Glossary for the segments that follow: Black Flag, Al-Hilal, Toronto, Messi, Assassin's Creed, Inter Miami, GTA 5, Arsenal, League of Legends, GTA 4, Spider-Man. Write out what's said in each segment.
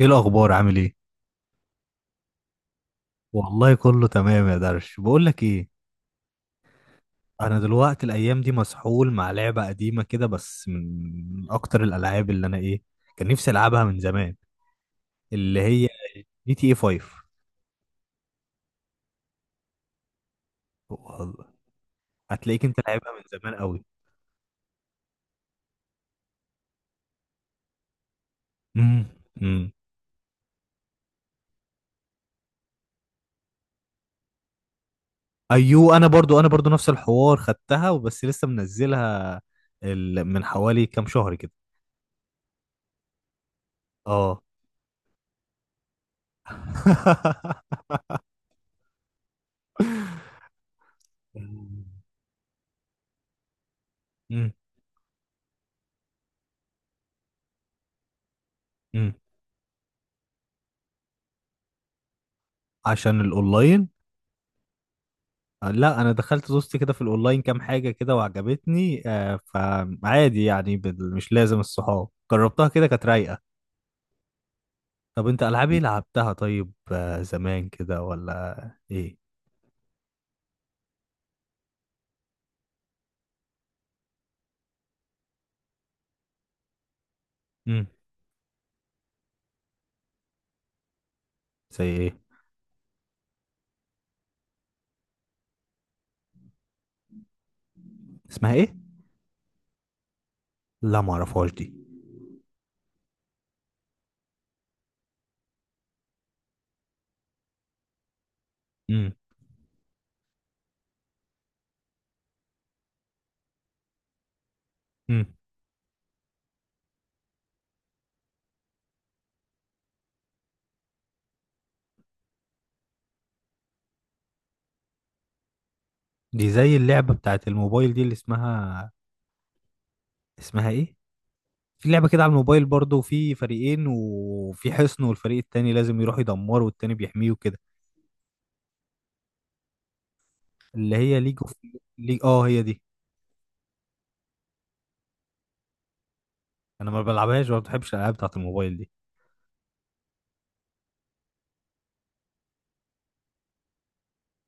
ايه الاخبار؟ عامل ايه؟ والله كله تمام يا درش. بقول لك ايه؟ انا دلوقتي الايام دي مسحول مع لعبه قديمه كده، بس من اكتر الالعاب اللي انا كان نفسي العبها من زمان، اللي هي جي تي اي 5. والله، هتلاقيك انت لعبها من زمان قوي. امم. امم. ايوه، انا برضو نفس الحوار، خدتها وبس لسه منزلها من حوالي كام شهر كده. اه. امم. امم. عشان الاونلاين. لا، انا دخلت دوست كده في الاونلاين كام حاجه كده وعجبتني، فعادي يعني، مش لازم الصحاب، جربتها كده كانت رايقه. طب انت العاب ايه لعبتها؟ طيب، زمان كده ولا ايه؟ امم. زي ايه؟ اسمها ايه؟ لا، ما اعرفهاش دي. امم. امم. دي زي اللعبه بتاعت الموبايل دي اللي اسمها ايه، في لعبه كده على الموبايل برضو، في فريقين وفي حصن والفريق التاني لازم يروح يدمره والتاني بيحميه كده، اللي هي ليج اوف. ليج اه هي دي. انا ما بلعبهاش وما بتحبش الالعاب بتاعت الموبايل دي.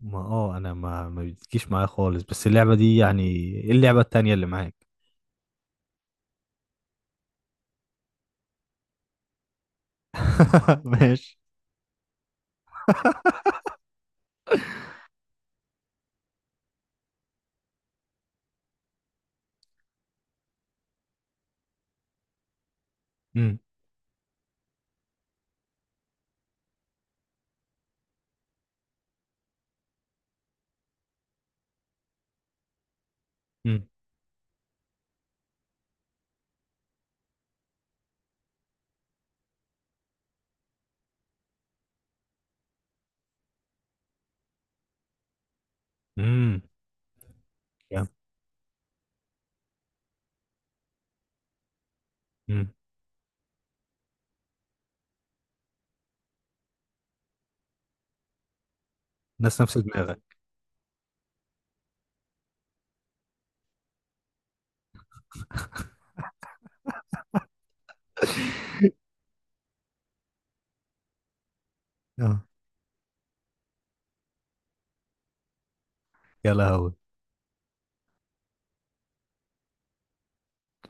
ما اه انا ما بتجيش معايا خالص، بس اللعبه دي يعني. ايه اللعبه التانية اللي معاك؟ ماشي. امم. امم. امم. جامد. امم. ناس نفس دماغك. اه. يا لهوي.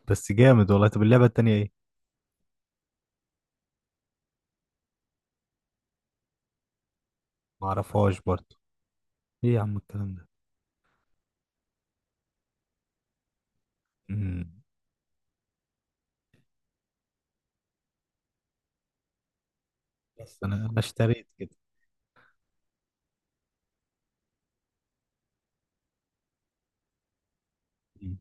بس جامد والله. طب اللعبه التانية ايه؟ ما اعرفهاش برضو. ايه يا عم الكلام ده؟ امم. بس انا اشتريت كده. امم.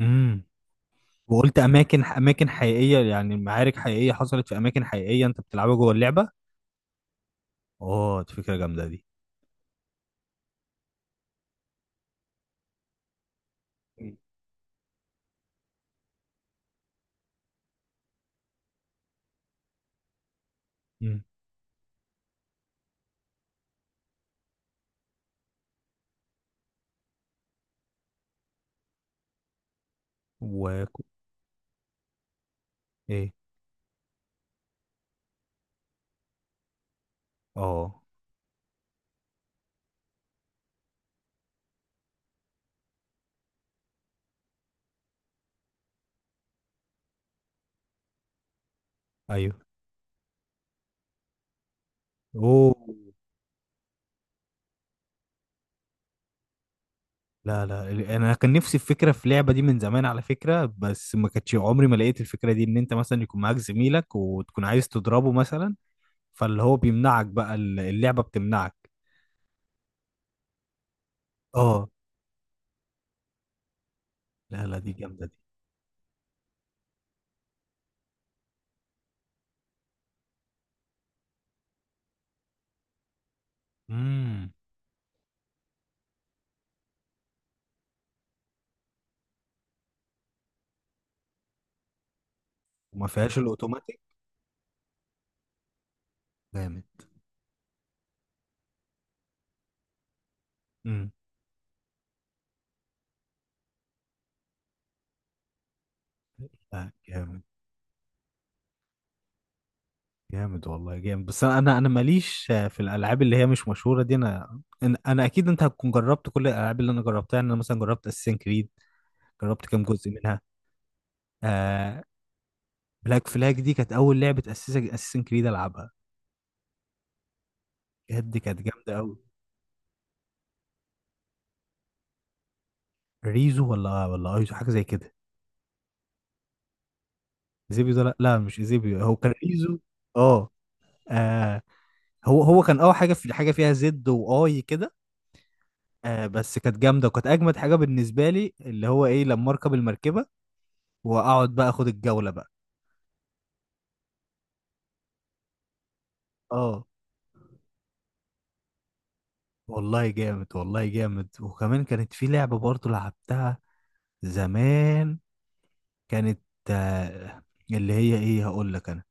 امم. وقلت، اماكن اماكن حقيقيه يعني، معارك حقيقيه حصلت في اماكن حقيقيه انت بتلعبها جوه اللعبه. اه، دي فكره جامده دي. مم. و، ايه. اه. ايوه. اوه. لا لا، انا كان نفسي في فكره في لعبه دي من زمان على فكره، بس ما كانتش، عمري ما لقيت الفكره دي، ان انت مثلا يكون معاك زميلك وتكون عايز تضربه مثلا، فاللي هو بيمنعك بقى، اللعبه بتمنعك. اه. لا لا، دي جامده دي. امم. وما فيهاش الاوتوماتيك؟ جامد. امم. لا، جامد، جامد والله جامد، بس انا انا أنا ماليش في الالعاب اللي هي مش مشهوره دي. انا انا أنا اكيد انت هتكون جربت كل الالعاب اللي انا جربتها. يعني انا مثلا جربت اساسن كريد. جربت كام جزء منها. آه. بلاك فلاج دي كانت اول لعبه اساسا اساسن كريد العبها. بجد كانت جامده قوي. ريزو ولا ايزو، حاجه زي كده. زيبيو ده لا مش زيبيو، هو كان ريزو. اه. آه، هو كان اول حاجه في حاجه فيها زد واي كده. آه، بس كانت جامده، وكانت اجمد حاجه بالنسبه لي اللي هو ايه لما اركب المركبه واقعد بقى اخد الجوله بقى. اه. والله جامد، والله جامد، وكمان كانت في لعبه برضو لعبتها زمان، كانت، آه، اللي هي ايه هقول لك انا.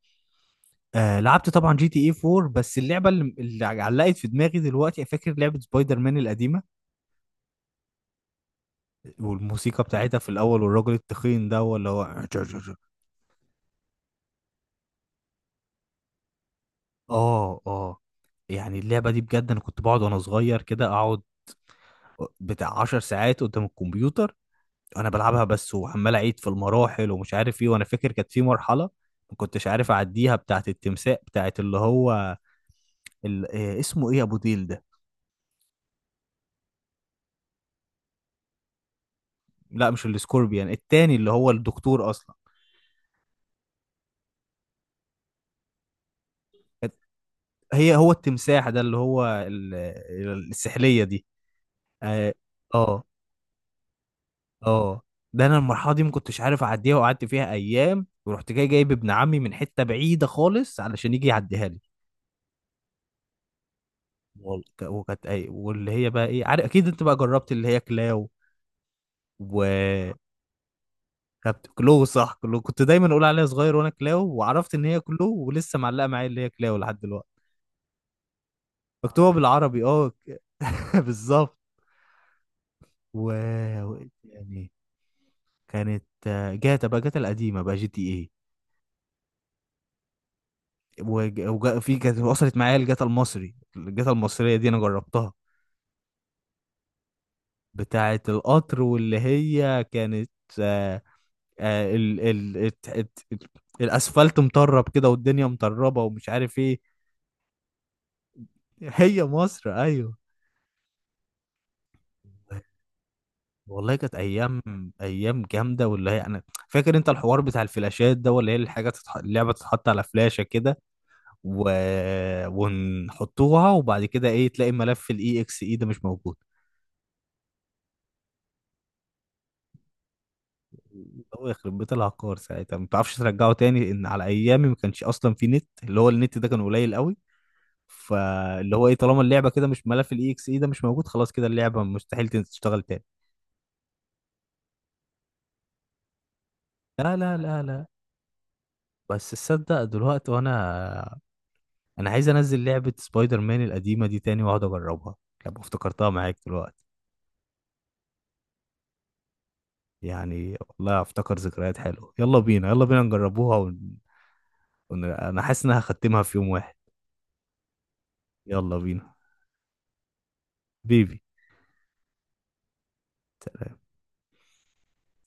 لعبت طبعا جي تي اي 4، بس اللعبه اللي علقت في دماغي دلوقتي، فاكر لعبه سبايدر مان القديمه، والموسيقى بتاعتها في الاول والراجل التخين ده، ولا هو. اه. اه. يعني اللعبه دي بجد، انا كنت بقعد وانا صغير كده، اقعد بتاع 10 ساعات قدام الكمبيوتر انا بلعبها بس، وعمال اعيد في المراحل ومش عارف ايه. وانا فاكر كانت في مرحله ما كنتش عارف اعديها، بتاعت التمساح، بتاعت اللي هو ال... آه، اسمه ايه ابو ديل. لا، مش السكوربيان التاني اللي هو الدكتور اصلا. هي هو التمساح ده اللي هو السحلية دي. اه. اه. آه. ده انا المرحلة دي ما كنتش عارف اعديها وقعدت فيها ايام، ورحت جاي جايب ابن عمي من حتة بعيدة خالص علشان يجي يعديها لي. وكانت اي، واللي هي بقى ايه، عارف اكيد انت بقى جربت اللي هي كلاو. و، كانت كلو، صح، كلو كنت دايما اقول عليها صغير وانا كلاو، وعرفت ان هي كلو، ولسه معلقة معايا اللي هي كلاو لحد دلوقتي. مكتوبة بالعربي، اه، بالظبط. و، يعني كانت، جاتا بقى، جاتا القديمة بقى، جي تي ايه. في كانت وصلت معايا الجاتا المصري، الجاتا المصرية دي انا جربتها، بتاعة القطر، واللي هي كانت، آه، ال ال الت- الت- الت- الاسفلت مطرب كده والدنيا مطربة ومش عارف ايه. هي مصر ايوه. والله كانت ايام، ايام جامده. واللي هي انا فاكر، انت الحوار بتاع الفلاشات ده، ولا هي الحاجه اللعبه تتحط على فلاشه كده، و... ونحطوها، وبعد كده ايه، تلاقي ملف الاي اكس اي ده مش موجود. هو يخرب بيت العقار، ساعتها ما تعرفش ترجعه تاني، ان على ايامي ما كانش اصلا في نت، اللي هو النت ده كان قليل قوي. فاللي هو ايه، طالما اللعبه كده مش، ملف الاي اكس اي ده مش موجود، خلاص كده اللعبه مستحيل تشتغل تاني. لا لا لا لا. بس تصدق، دلوقتي وانا عايز انزل لعبه سبايدر مان القديمه دي تاني واقعد اجربها لما افتكرتها معاك دلوقتي. يعني والله افتكر ذكريات حلوه. يلا بينا، يلا بينا نجربوها. أنا حاسس ان انا هختمها في يوم واحد. يلا بينا. بيبي.